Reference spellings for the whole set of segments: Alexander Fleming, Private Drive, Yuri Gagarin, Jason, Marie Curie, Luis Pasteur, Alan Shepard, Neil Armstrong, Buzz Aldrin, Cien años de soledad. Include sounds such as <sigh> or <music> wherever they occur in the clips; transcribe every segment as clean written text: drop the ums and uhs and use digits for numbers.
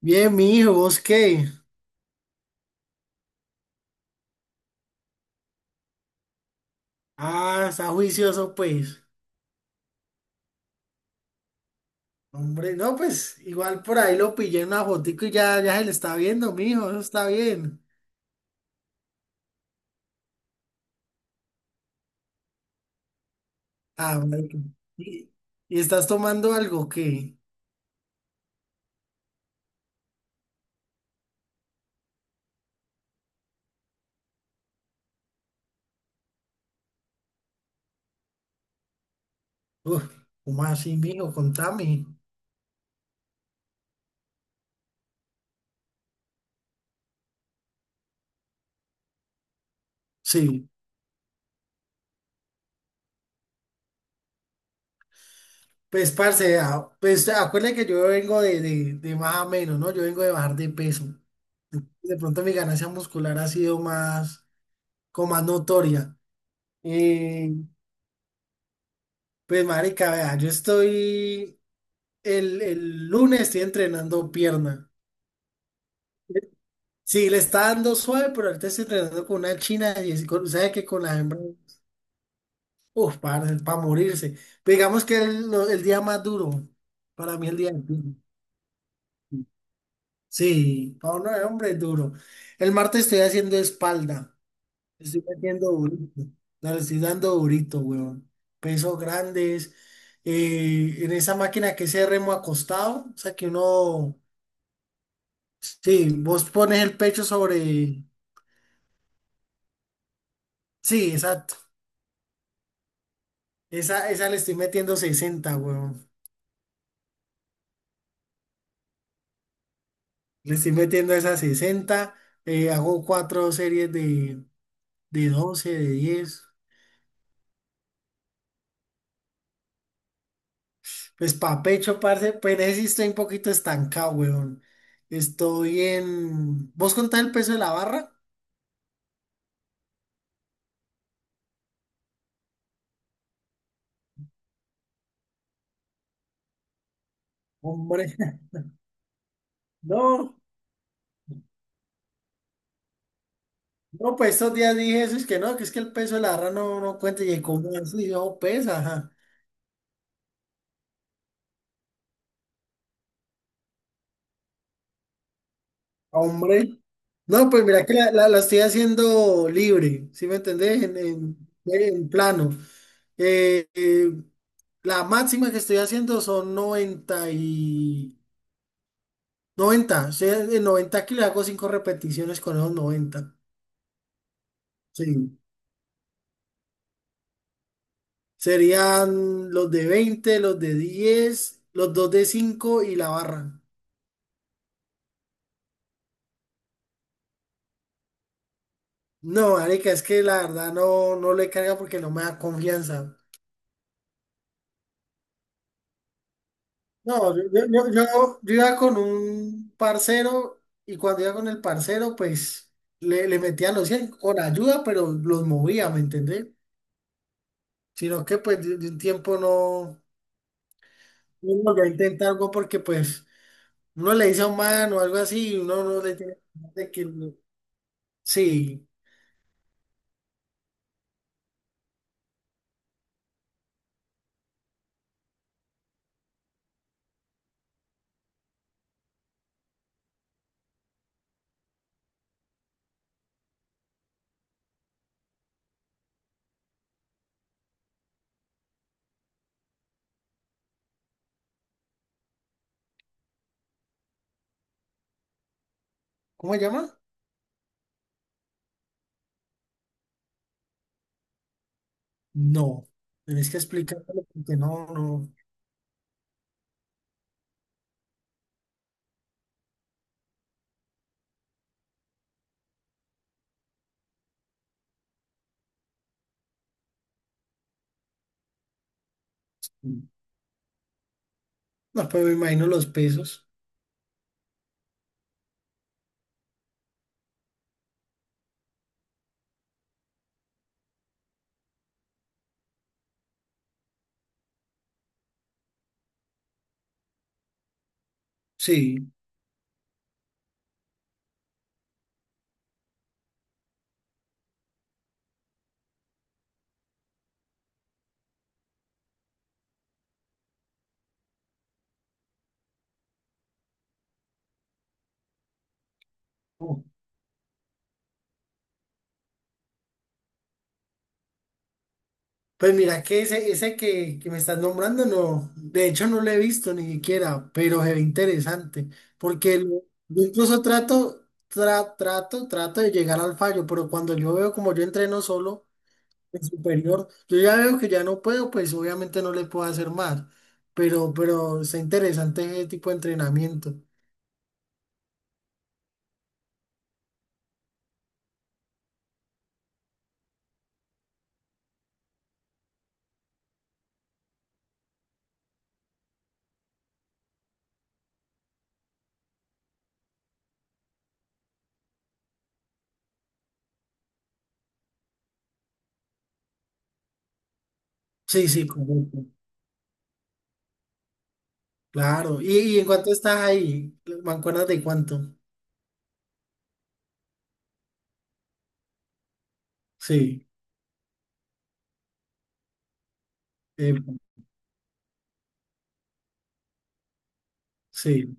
Bien, mi hijo, ¿vos qué? Ah, está juicioso, pues. Hombre, no, pues igual por ahí lo pillé en una fotico y ya se le está viendo, mi hijo, eso está bien. Ah, marica. ¿Y, y estás tomando algo que? Uf, ¿cómo así, mi hijo? Contame. Sí, pues, parce, ah, pues acuérdate que yo vengo de más a menos, ¿no? Yo vengo de bajar de peso. De pronto mi ganancia muscular ha sido más, como más notoria. Eh, pues, marica, vea, yo estoy. El lunes estoy entrenando pierna. Sí, le está dando suave, pero ahorita estoy entrenando con una china y sabe que con la hembra, uff, para morirse. Pero digamos que el día más duro, para mí el día más duro. Sí, para uno de hombre es duro. El martes estoy haciendo espalda. Estoy metiendo durito. No, le estoy dando durito, weón. Pesos grandes. En esa máquina que se remo acostado. O sea que uno. Sí, vos pones el pecho sobre. Sí, exacto. Esa le estoy metiendo 60, weón. Le estoy metiendo esa 60. Hago cuatro series de, 12, de 10. Pues pa' pecho, parce. Pero ese sí estoy un poquito estancado, weón. ¿Vos contás el peso de la barra? Hombre. <laughs> No, no, pues estos días dije eso, es que no, que es que el peso de la barra no, no cuenta. Y como así, yo pesa, ajá. Hombre. No, pues mira que la estoy haciendo libre, ¿sí me entendés? En plano. Eh, eh, la máxima que estoy haciendo son 90 y noventa. O sea, de 90 kilos hago 5 repeticiones con esos 90. Sí. Serían los de 20, los de 10, los dos de 5 y la barra. No, marica, es que la verdad no, no le carga porque no me da confianza. No, yo iba con un parcero y cuando iba con el parcero, pues le metía los 100 con ayuda, pero los movía, ¿me entendés? Sino que pues de un tiempo no, no volví a intentar algo porque pues uno le dice a un man o algo así y uno no le tiene de que... Sí, ¿cómo se llama? No, tenés que explicarlo porque no, pero me imagino los pesos. Sí. Pues mira que ese que me estás nombrando, no, de hecho no lo he visto ni siquiera, pero se ve interesante, porque yo incluso trato de llegar al fallo, pero cuando yo veo como yo entreno solo en superior, yo ya veo que ya no puedo, pues obviamente no le puedo hacer más, pero está interesante ese tipo de entrenamiento. Sí, sí, correcto, claro. ¿Y en cuánto estás ahí? ¿Mancuernas de cuánto? Sí, eh, sí.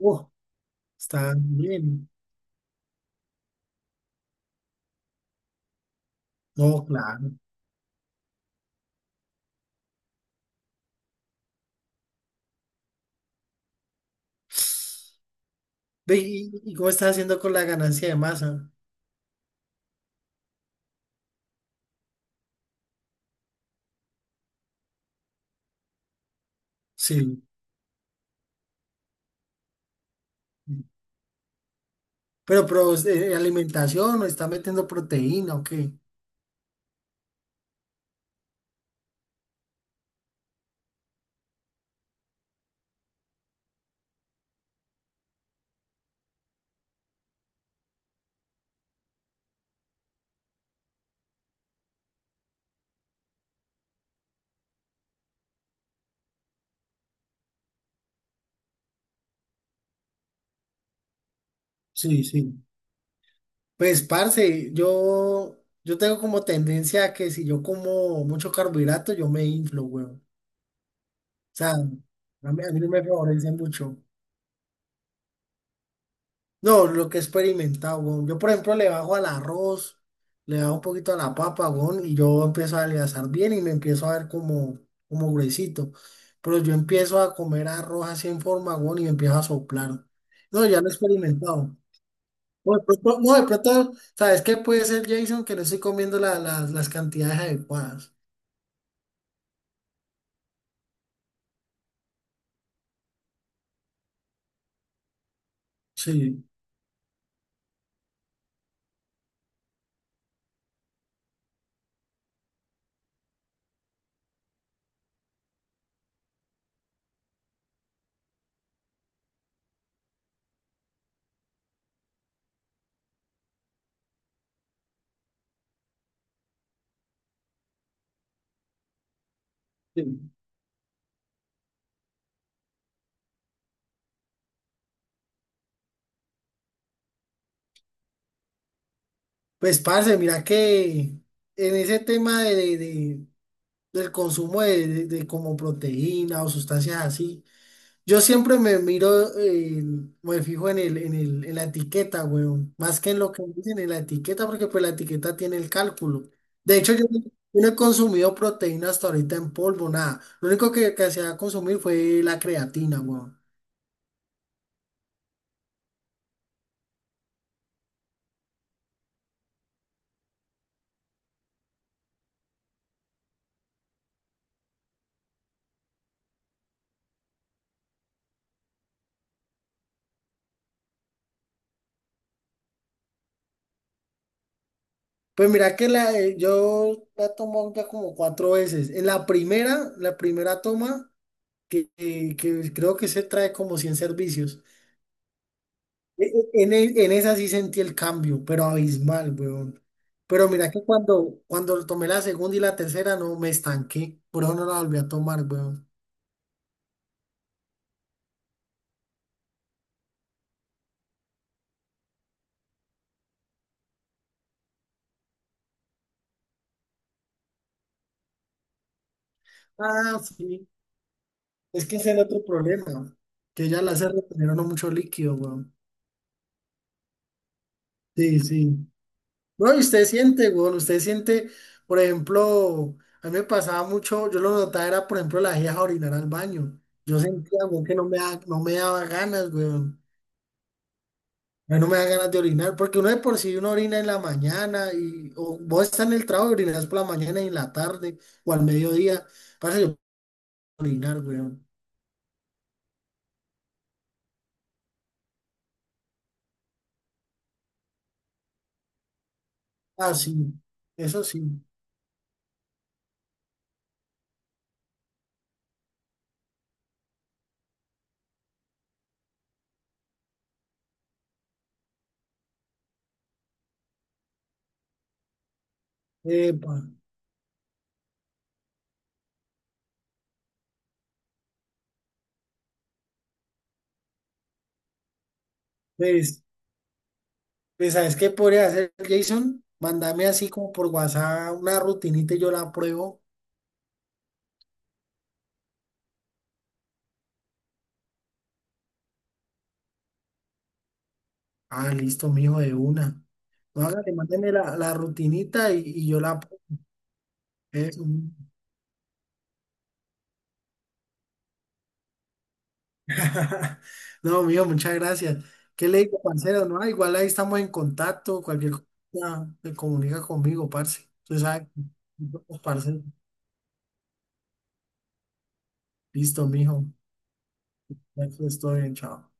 Uh, Está bien. No, claro. Ve, ¿Y cómo estás haciendo con la ganancia de masa? Sí. Pero, alimentación, ¿o está metiendo proteína o qué? Sí, sí. Pues, parce, yo tengo como tendencia a que si yo como mucho carbohidrato, yo me inflo, weón. O sea, a mí no me favorece mucho. No, lo que he experimentado, weón. Yo, por ejemplo, le bajo al arroz, le bajo un poquito a la papa, weón, y yo empiezo a adelgazar bien y me empiezo a ver como gruesito. Pero yo empiezo a comer arroz así en forma, weón, y me empiezo a soplar. No, ya lo he experimentado. No, de pronto, no, de pronto, ¿sabes qué puede ser, Jason? Que no estoy comiendo las cantidades adecuadas. Sí, sí. Pues, parce, mira que en ese tema del consumo de como proteína o sustancias así. Yo siempre me miro, me fijo en la etiqueta, weón. Más que en lo que dicen en la etiqueta, porque pues la etiqueta tiene el cálculo. De hecho, no, yo no he consumido proteína hasta ahorita en polvo, nada. Lo único que hacía consumir fue la creatina, weón. Pues mira que yo la tomo ya como cuatro veces. En la primera toma, que creo que se trae como 100 servicios. En esa sí sentí el cambio, pero abismal, weón. Pero mira que cuando tomé la segunda y la tercera, no me estanqué. Por eso no la volví a tomar, weón. Ah, sí. Es que ese era otro problema. Que ya la hace retener a uno mucho líquido, weón. Sí, sí. No, y usted siente, weón, usted siente, por ejemplo, a mí me pasaba mucho, yo lo notaba era, por ejemplo, la a orinar al baño. Yo sentía, weón, que no me daba, no me daba ganas, weón. Ya no me da ganas de orinar, porque uno de por sí uno orina en la mañana y o vos estás en el trabajo y orinas por la mañana y en la tarde o al mediodía. Pasa yo puedo orinar, weón. Ah, sí, eso sí. Epa, pues, ¿sabes qué podría hacer, Jason? Mándame así como por WhatsApp una rutinita y yo la pruebo. Ah, listo, mijo, de una. No, hágale, mándeme la rutinita y yo la pruebo. Eso. <laughs> No, mío, muchas gracias. ¿Qué le digo, parcero? No, igual ahí estamos en contacto. Cualquier cosa se comunica conmigo, parce. Usted sabe, que parce. Listo, mijo. Ya que estoy bien, chao.